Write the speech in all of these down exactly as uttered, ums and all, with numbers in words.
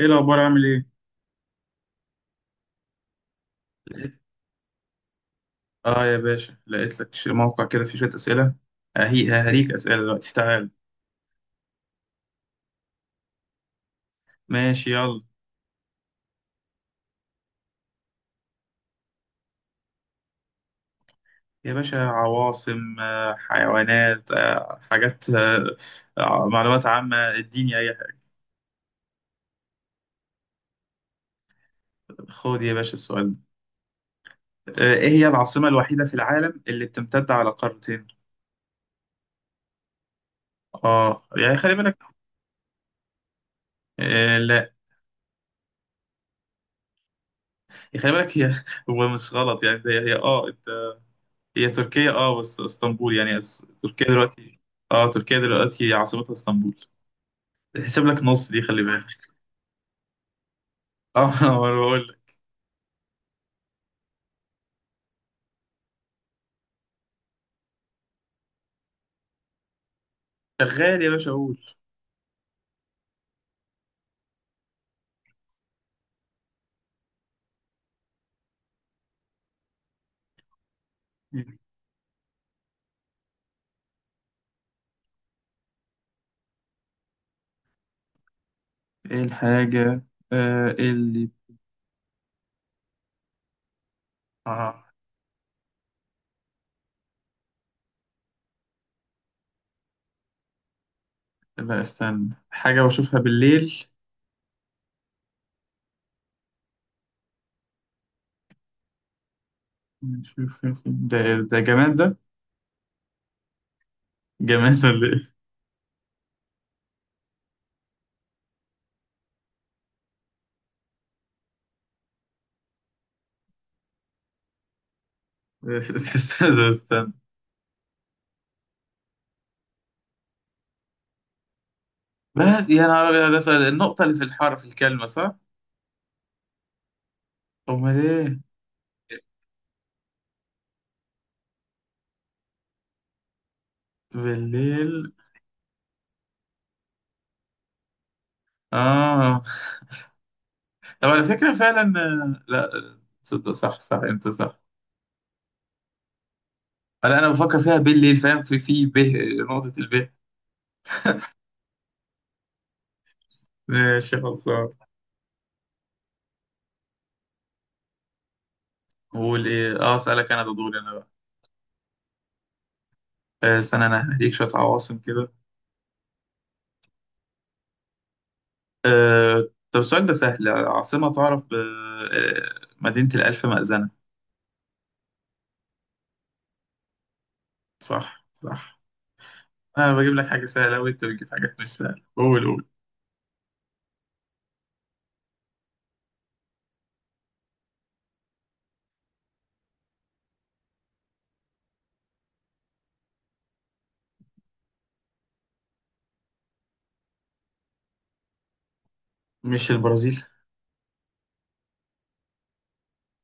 ايه الاخبار؟ عامل ايه؟ لقيت. اه يا باشا، لقيت لك ش- موقع كده فيه شويه اسئله. ههي ههريك اسئله دلوقتي، تعال. ماشي، يلا. يا باشا، عواصم، آه، حيوانات، آه، حاجات، آه، آه، معلومات عامه، اديني اي حاجه. خد يا باشا السؤال ده، آه، ايه هي العاصمه الوحيده في العالم اللي بتمتد على قارتين؟ اه يعني خلي بالك. آه لا. خلي بالك، هي هو مش غلط يعني ده- هي اه انت. هي تركيا، اه بس اسطنبول يعني، أس- تركيا دلوقتي. اه تركيا دلوقتي عاصمتها اسطنبول. تحسب لك نص دي، خلي بالك. اه انا بقول لك. شغال يا باشا، اقول. ايه الحاجة، آه اللي، اه لا استنى، حاجة بشوفها بالليل؟ نشوف- ده ده جماد، ده جماد ولا ايه؟ استنى استنى. بس يا نهار أبيض، ده سؤال النقطة اللي في الحرف، الكلمة صح؟ أمال إيه؟ بالليل. آه طب على فكرة فعلا، آه، لا تصدق، صح صح، أنت صح. أنا أنا بفكر فيها بالليل، فاهم، في في ب، نقطة الب. ماشي خلصان. قول ايه، اه اسالك انا، ده دوري انا بقى. آه استنى، انا هديك شويه عواصم كده. آه طب السؤال ده سهل، عاصمه تعرف ب آه مدينه الالف مأذنه. صح صح. انا بجيب لك حاجه سهله وانت بتجيب حاجات مش سهله، قول قول. مش البرازيل؟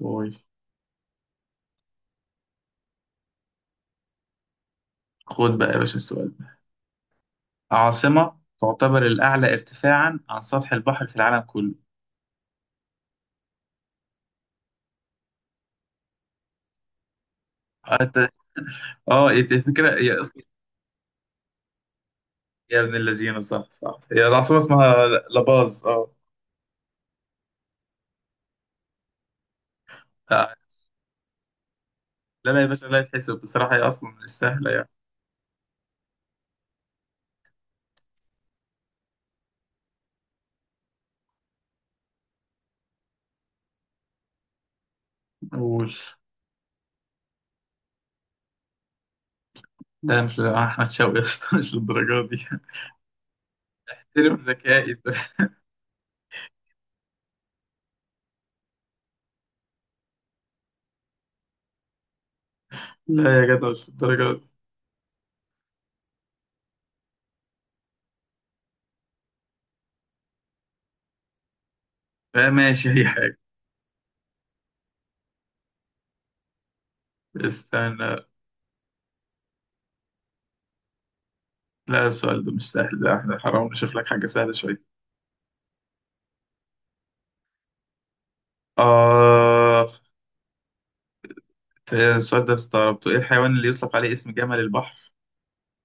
قول. خد بقى يا باشا السؤال ده، عاصمه تعتبر الاعلى ارتفاعا عن سطح البحر في العالم كله. أت- اه إيه الفكره هي اصلا؟ يا ابن الذين، صح صح، هي العاصمه اسمها لاباز، اه. لا لا يا باشا، لا يتحسب، بصراحة هي أصلا مش سهلة يعني. قول. لا مش، آه، أحمد شوقي يا اسطى، مش للدرجة دي. ترم ذكائي ده. لا يا جدع، مش للدرجة دي. آه، ماشي أي حاجة. استنى، لا السؤال ده مش سهل، لا احنا حرام، نشوف لك حاجة سهلة شوية. آه السؤال ده استغربته، إيه الحيوان اللي يطلق عليه اسم جمل البحر؟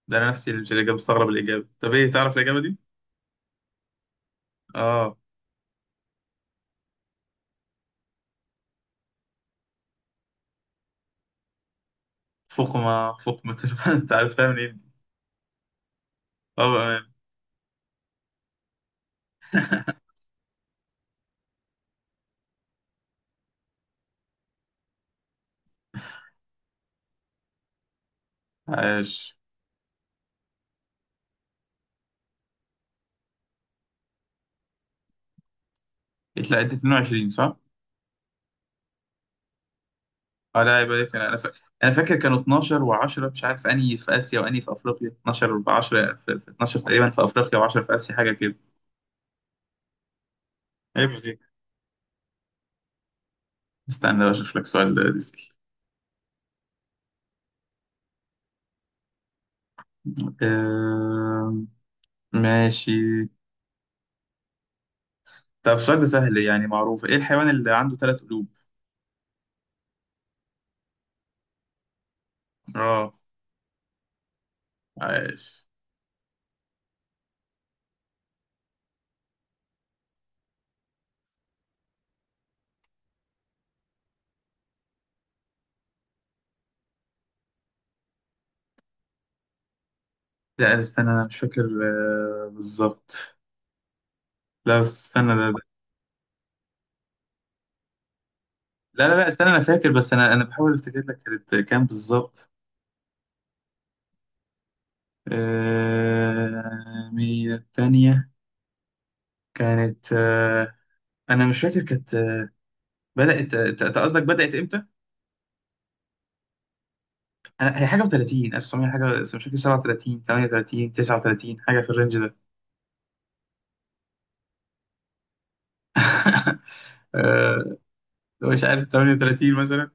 ده أنا نفسي اللي اللي مستغرب الإجابة. طب إيه، تعرف الإجابة دي؟ آه فقمة فقمة. أنت عرفتها منين؟ إيه؟ طبعا. عاش. لا أنت اتنين وعشرين صح؟ اه، لا عيب عليك، انا انا فاكر انا فاكر كانوا اتناشر و10. مش عارف انهي في اسيا وانهي في افريقيا، اتناشر ب عشرة، في في اثنا عشر تقريبا في افريقيا و10 في اسيا، حاجه كده. عيب عليك. استنى بقى اشوف لك سؤال ديزل. آه... ماشي. طب السؤال ده سهل يعني، معروف، ايه الحيوان اللي عنده ثلاث قلوب؟ اه. عايش. لا استنى، انا مش فاكر آه... بالظبط. لا بس استنى ده. ده- لا لا لا استنى، انا فاكر، بس انا انا بحاول افتكر لك كانت كام بالظبط. آه... مية تانية. كانت، آه، انا مش فاكر كانت، آه، بدات، آه، انت أنت قصدك بدات امتى؟ انا هي حاجه و30، ألف وتسعمية حاجه، بس مش فاكر، سبعة وثلاثين ثمانية وثلاثين تسعه وتلاتين، حاجه في الرينج ده. أه مش عارف، تمنيه وتلاتين مثلا.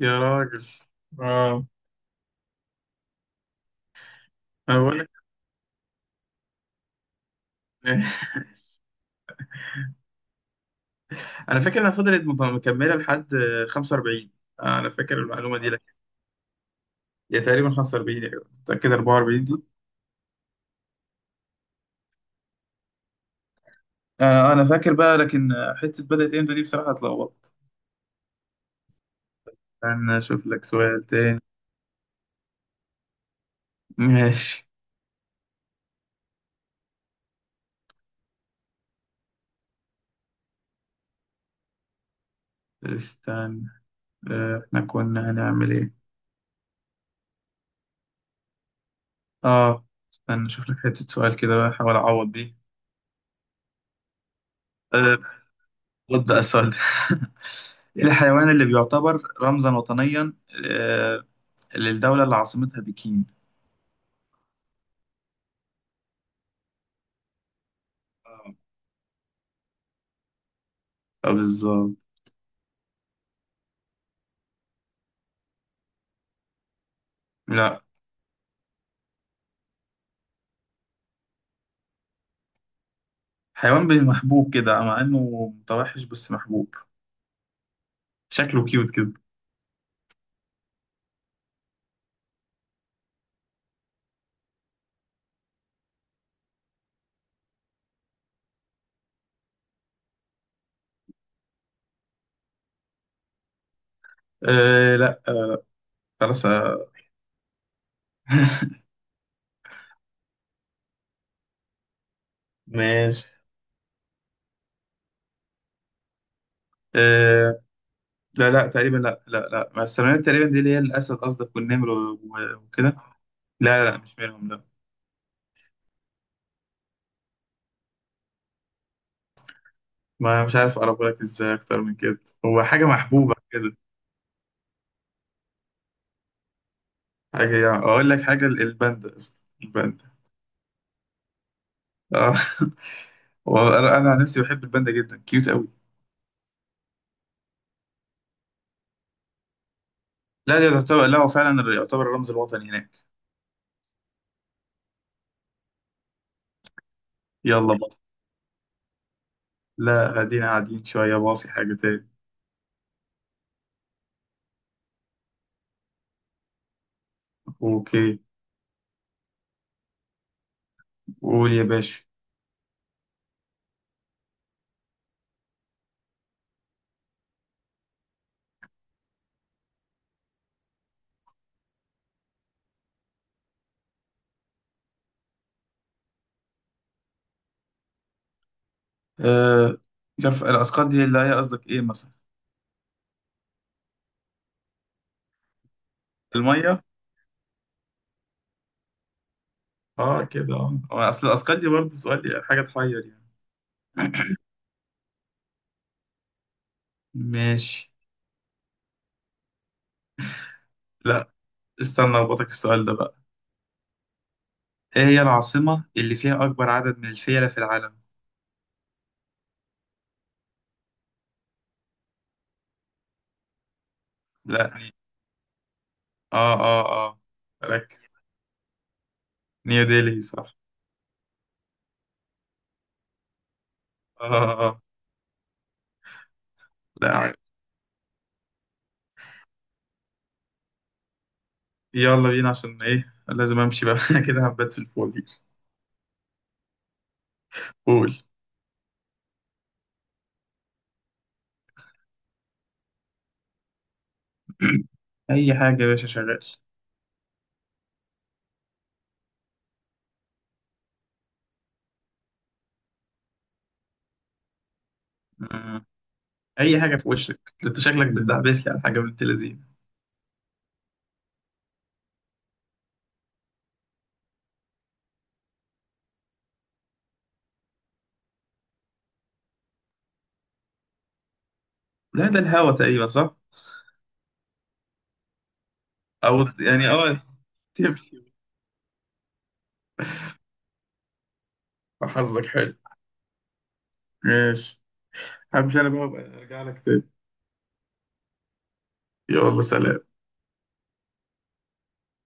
يا راجل. اه انا بقول لك. انا فاكر انها فضلت مط- مكمله لحد آه، خمسة وأربعين. آه، انا فاكر المعلومه دي لك. يا تقريبا خمسة وأربعين يا جماعة، متاكد اربعه واربعين دي. آه، انا فاكر بقى، لكن آه، حته بدات امتى دي بصراحه اتلخبطت. انا اشوف لك سؤال تاني. ماشي. استنى، آه، احنا كنا هنعمل ايه؟ اه استنى اشوف لك حتة سؤال كده بقى، احاول اعوض دي. أه، رد بقى السؤال ده. ايه الحيوان اللي بيعتبر رمزا وطنيا آه، للدولة اللي عاصمتها بكين؟ اه آه، بالظبط. لا حيوان، بي- محبوب كده، مع انه متوحش بس محبوب، شكله كيوت كده. أه لا. خلاص آه، ماشي. أه لا لا تقريبا، لا لا لا، ما السلمونات تقريبا دي اللي هي الاسد قصدك والنمر و- و- وكده. لا لا لا مش منهم، لا. ما مش عارف اقربه لك ازاي اكتر من كده، هو حاجه محبوبه كده، حاجه يعني. اقول لك حاجه، ال- الباندا يا اسطى، الباندا. اه. هو انا أنا عن نفسي بحب الباندا جدا، كيوت قوي. لا ده يعتبر، لا هو فعلا يعتبر الرمز الوطني هناك. يلا باص. لا، قاعدين قاعدين شويه، باصي حاجه تاني. اوكي. قول يا باشا. آه مش عارف، الاسقاط دي اللي هي قصدك ايه مثلا؟ الميه. اه كده، اه هو اصل الاسقاط دي برضه سؤال، حاجه تحير يعني. ماشي. لا استنى اربطك السؤال ده بقى، ايه هي العاصمة اللي فيها أكبر عدد من الفيلة في العالم؟ لا ني- اه اه اه، ركز. نيو ديلي صح. اه اه آه. لا عارف. يلا بينا عشان ايه لازم امشي بقى، كده هبات في الفاضي. قول. اي حاجة يا باشا شغال. مم. اي حاجة، في وشك انت شكلك بتدعبس لي على حاجة بنت لذينه. لا ده الهوا تقريبا صح. او يعني اه. تمشي. حظك حلو. ماشي. همشي انا بقى، أبقى ارجع لك تاني. يلا سلام.